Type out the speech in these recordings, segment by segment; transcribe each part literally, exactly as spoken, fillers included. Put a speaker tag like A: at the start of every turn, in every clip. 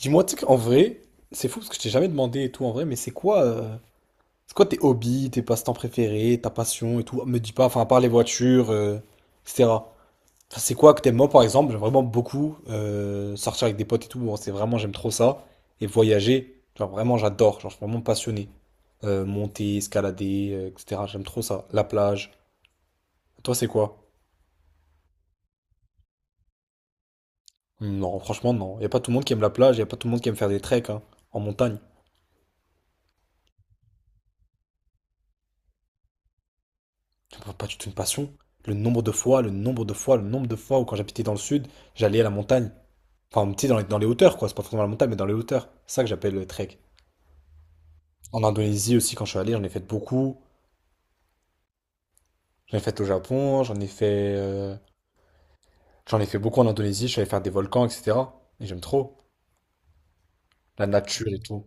A: Dis-moi, tu sais qu'en vrai, c'est fou parce que je t'ai jamais demandé et tout en vrai, mais c'est quoi, euh, c'est quoi tes hobbies, tes passe-temps préférés, ta passion et tout? Me dis pas, enfin, à part les voitures, euh, et cetera. Enfin, c'est quoi que t'aimes, moi par exemple, j'aime vraiment beaucoup euh, sortir avec des potes et tout, bon, c'est vraiment, j'aime trop ça. Et voyager, genre vraiment, j'adore, genre je suis vraiment passionné. Euh, monter, escalader, euh, et cetera. J'aime trop ça. La plage. Toi, c'est quoi? Hmm, non, franchement, non. Y a pas tout le monde qui aime la plage, y a pas tout le monde qui aime faire des treks, hein, en montagne. Pas, pas du tout une passion. Le nombre de fois, le nombre de fois, le nombre de fois où quand j'habitais dans le sud, j'allais à la montagne. Enfin, tu sais, dans les, dans les hauteurs, quoi. C'est pas forcément la montagne, mais dans les hauteurs. C'est ça que j'appelle le trek. En Indonésie aussi, quand je suis allé, j'en ai fait beaucoup. J'en ai fait au Japon, j'en ai fait, euh, j'en ai fait beaucoup en Indonésie. Je suis allé faire des volcans, et cetera. Et j'aime trop la nature et tout.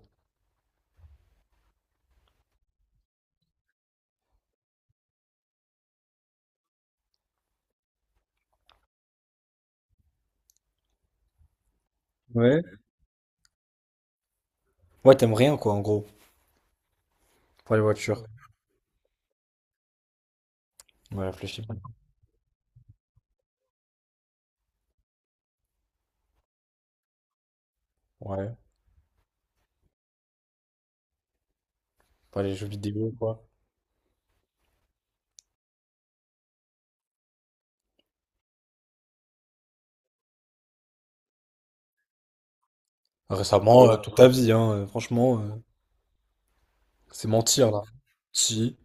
A: Ouais. Ouais, t'aimes rien, quoi, en gros, pour les voitures. Ouais, réfléchis. Ouais, pour les jeux vidéo, quoi. Récemment, euh, toute ta vie, hein, euh, franchement, euh, c'est mentir, là. Si.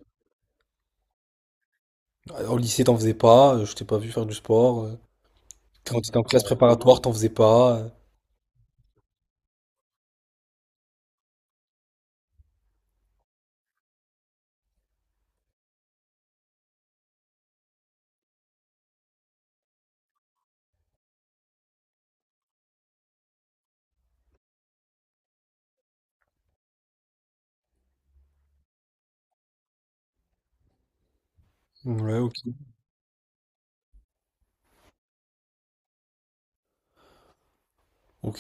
A: Euh, Au lycée, t'en faisais pas, euh, je t'ai pas vu faire du sport. euh. Quand t'étais en classe préparatoire, t'en faisais pas. euh. Ouais, ok. Ok.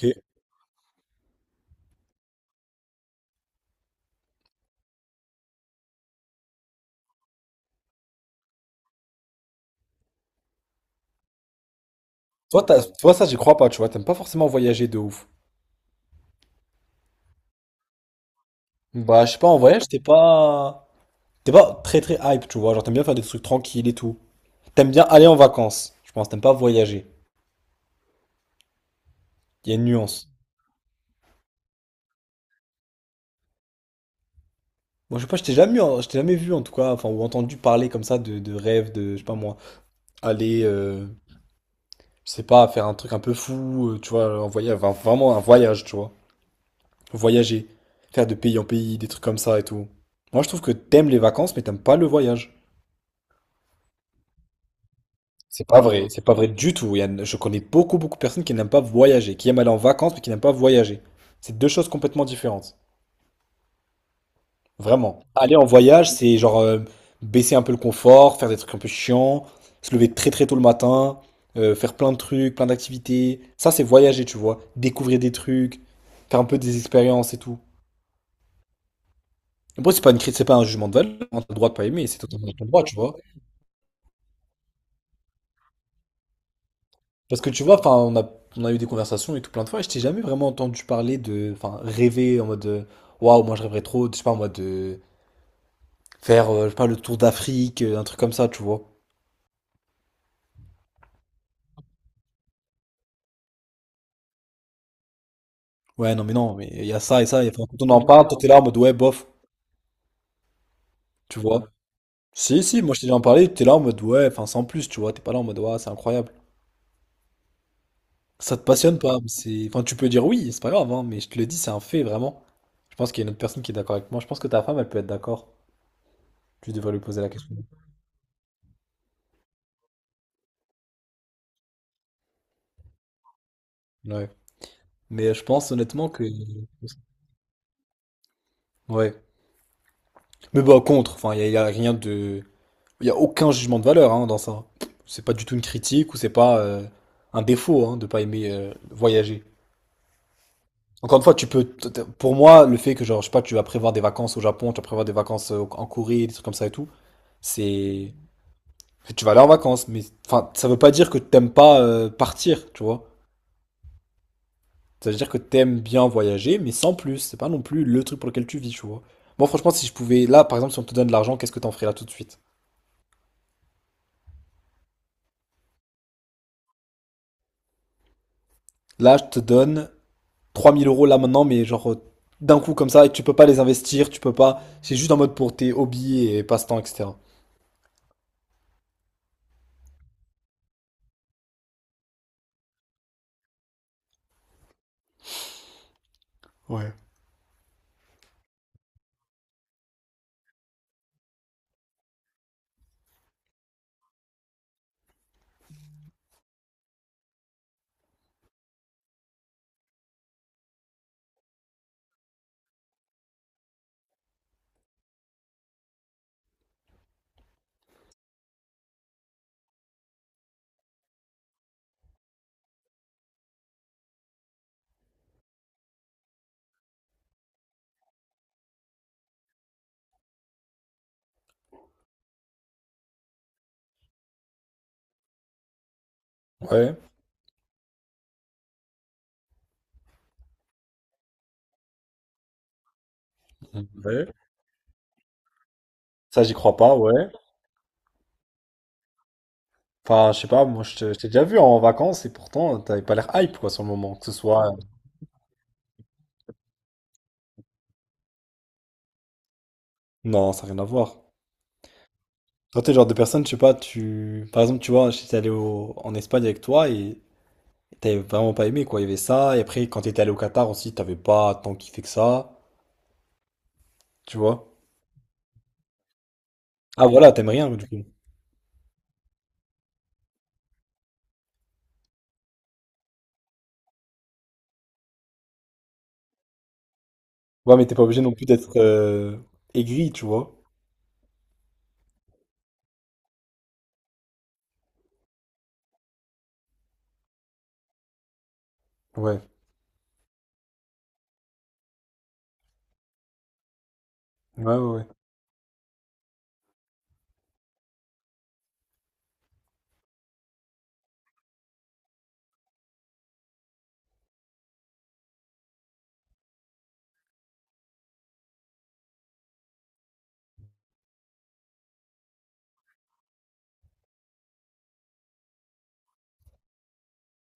A: Toi, t'as- toi, ça, j'y crois pas, tu vois. T'aimes pas forcément voyager de ouf. Bah, je sais pas, en voyage, t'es pas. T'es pas très très hype, tu vois. Genre, t'aimes bien faire des trucs tranquilles et tout. T'aimes bien aller en vacances, je pense. T'aimes pas voyager. Il y a une nuance. Moi, je sais pas, je t'ai jamais, vu, je t'ai jamais vu, en tout cas, enfin, ou entendu parler comme ça de, de rêve, de, je sais pas moi, aller, euh, je sais pas, faire un truc un peu fou, euh, tu vois, en voyage, enfin, vraiment un voyage, tu vois. Voyager, faire de pays en pays, des trucs comme ça et tout. Moi, je trouve que t'aimes les vacances, mais t'aimes pas le voyage. C'est pas vrai, c'est pas vrai du tout. Il y a- je connais beaucoup, beaucoup de personnes qui n'aiment pas voyager, qui aiment aller en vacances, mais qui n'aiment pas voyager. C'est deux choses complètement différentes. Vraiment. Aller en voyage, c'est genre euh, baisser un peu le confort, faire des trucs un peu chiants, se lever très très tôt le matin, euh, faire plein de trucs, plein d'activités. Ça, c'est voyager, tu vois. Découvrir des trucs, faire un peu des expériences et tout. Après, c'est pas une critique, c'est pas un jugement de valeur, hein. T'as le droit de pas aimer, c'est totalement ton droit, tu vois. Parce que tu vois, enfin, on a, on a eu des conversations et tout plein de fois, et je t'ai jamais vraiment entendu parler de, enfin, rêver en mode, euh, waouh, moi je rêverais trop, je sais pas, moi, de faire, euh, je sais pas, le tour d'Afrique, euh, un truc comme ça, tu vois. Ouais, non, mais non, mais il y a ça et ça, et enfin, quand on en parle, toi t'es là en mode, ouais, bof, tu vois. Si, si, moi je t'ai déjà en parlé, t'es là en mode, ouais, enfin, sans plus, tu vois, t'es pas là en mode, ouais, c'est incroyable. Ça te passionne pas, mais c'est, enfin, tu peux dire oui, c'est pas grave, hein, mais je te le dis, c'est un fait, vraiment. Je pense qu'il y a une autre personne qui est d'accord avec moi, je pense que ta femme, elle peut être d'accord. Tu devrais lui poser la question. Ouais. Mais je pense honnêtement que. Ouais. Mais bah, contre, enfin, il n'y a, y a rien de. Il n'y a aucun jugement de valeur, hein, dans ça. C'est pas du tout une critique ou c'est pas euh, un défaut, hein, de pas aimer euh, voyager. Encore une fois, tu peux. t- t- Pour moi, le fait que, genre, je sais pas, tu vas prévoir des vacances au Japon, tu vas prévoir des vacances euh, en Corée, des trucs comme ça et tout, c'est. Tu vas aller en vacances, mais enfin, ça veut pas dire que t'aimes pas euh, partir, tu vois. Ça veut dire que t'aimes bien voyager, mais sans plus. C'est pas non plus le truc pour lequel tu vis, tu vois. Moi, franchement, si je pouvais. Là, par exemple, si on te donne de l'argent, qu'est-ce que t'en ferais là tout de suite? Là, je te donne trois mille euros là maintenant, mais genre euh, d'un coup comme ça, et tu peux pas les investir, tu peux pas. C'est juste en mode pour tes hobbies et passe-temps, et cetera. Ouais. Ouais, ouais. Ça, j'y crois pas, ouais. Enfin, je sais pas, moi, je te- je t'ai déjà vu en vacances et pourtant, t'avais pas l'air hype, quoi, sur le moment. Que ce soit. euh, Non, ça n'a rien à voir. Toi, t'es le genre de personne, je sais pas, tu. Par exemple, tu vois, j'étais allé au- en Espagne avec toi et T'avais vraiment pas aimé, quoi. Il y avait ça. Et après, quand t'étais allé au Qatar aussi, t'avais pas tant kiffé que ça. Tu vois? Ah voilà, t'aimes rien, du coup. Ouais, mais t'es pas obligé non plus d'être euh, aigri, tu vois? Ouais. Ouais, ouais, ouais.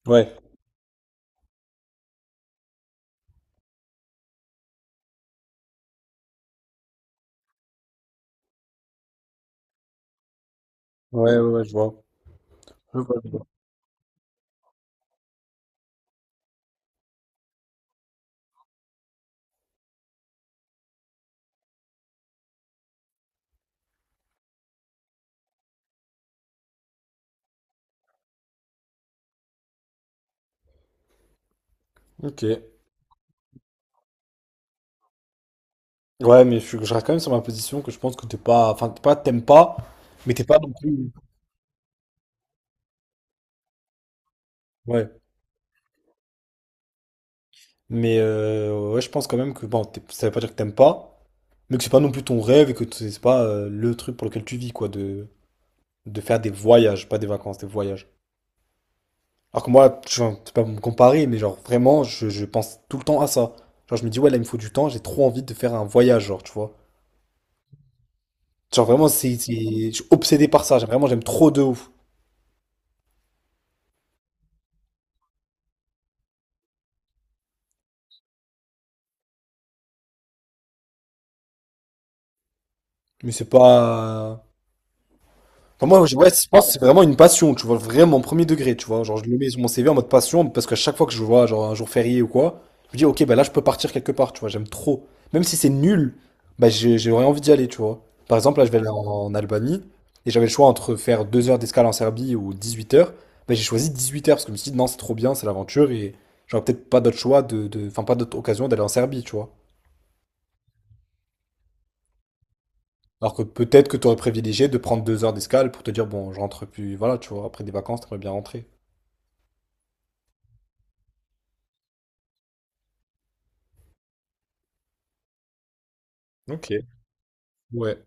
A: Ouais, ouais, ouais, ouais, je vois. Je vois, je vois. Ok. Ouais, mais je, suis- je reste quand même sur ma position que je pense que t'es pas. Enfin, t'es pas, t'aimes pas, mais t'es pas non plus. Ouais. Mais euh, ouais, je pense quand même que bon, t'es- ça veut pas dire que t'aimes pas, mais que c'est pas non plus ton rêve et que c'est c'est pas euh, le truc pour lequel tu vis, quoi, de, de faire des voyages, pas des vacances, des voyages. Alors que moi, je c'est pas pour me comparer, mais genre vraiment, je, je pense tout le temps à ça. Genre je me dis, ouais, là, il me faut du temps, j'ai trop envie de faire un voyage, genre, tu vois. Genre vraiment, c'est, c'est- je suis obsédé par ça, j'aime vraiment, j'aime trop de ouf. Mais c'est pas. Enfin, moi, je- ouais, je pense que c'est vraiment une passion, tu vois, vraiment premier degré, tu vois. Genre, je le mets sur mon C V en mode passion parce qu'à chaque fois que je vois, genre, un jour férié ou quoi, je me dis, ok, bah là, je peux partir quelque part, tu vois, j'aime trop. Même si c'est nul, bah, j'ai- j'aurais envie d'y aller, tu vois. Par exemple, là, je vais aller en, en Albanie et j'avais le choix entre faire deux heures d'escale en Serbie ou dix huit heures. Bah, j'ai choisi dix huit heures parce que je me suis dit, non, c'est trop bien, c'est l'aventure et j'aurais peut-être pas d'autre choix de, de- enfin, pas d'autre occasion d'aller en Serbie, tu vois. Alors que peut-être que tu aurais privilégié de prendre deux heures d'escale pour te dire, bon, je rentre plus, voilà, tu vois, après des vacances, t'aimerais bien rentrer. OK. Ouais.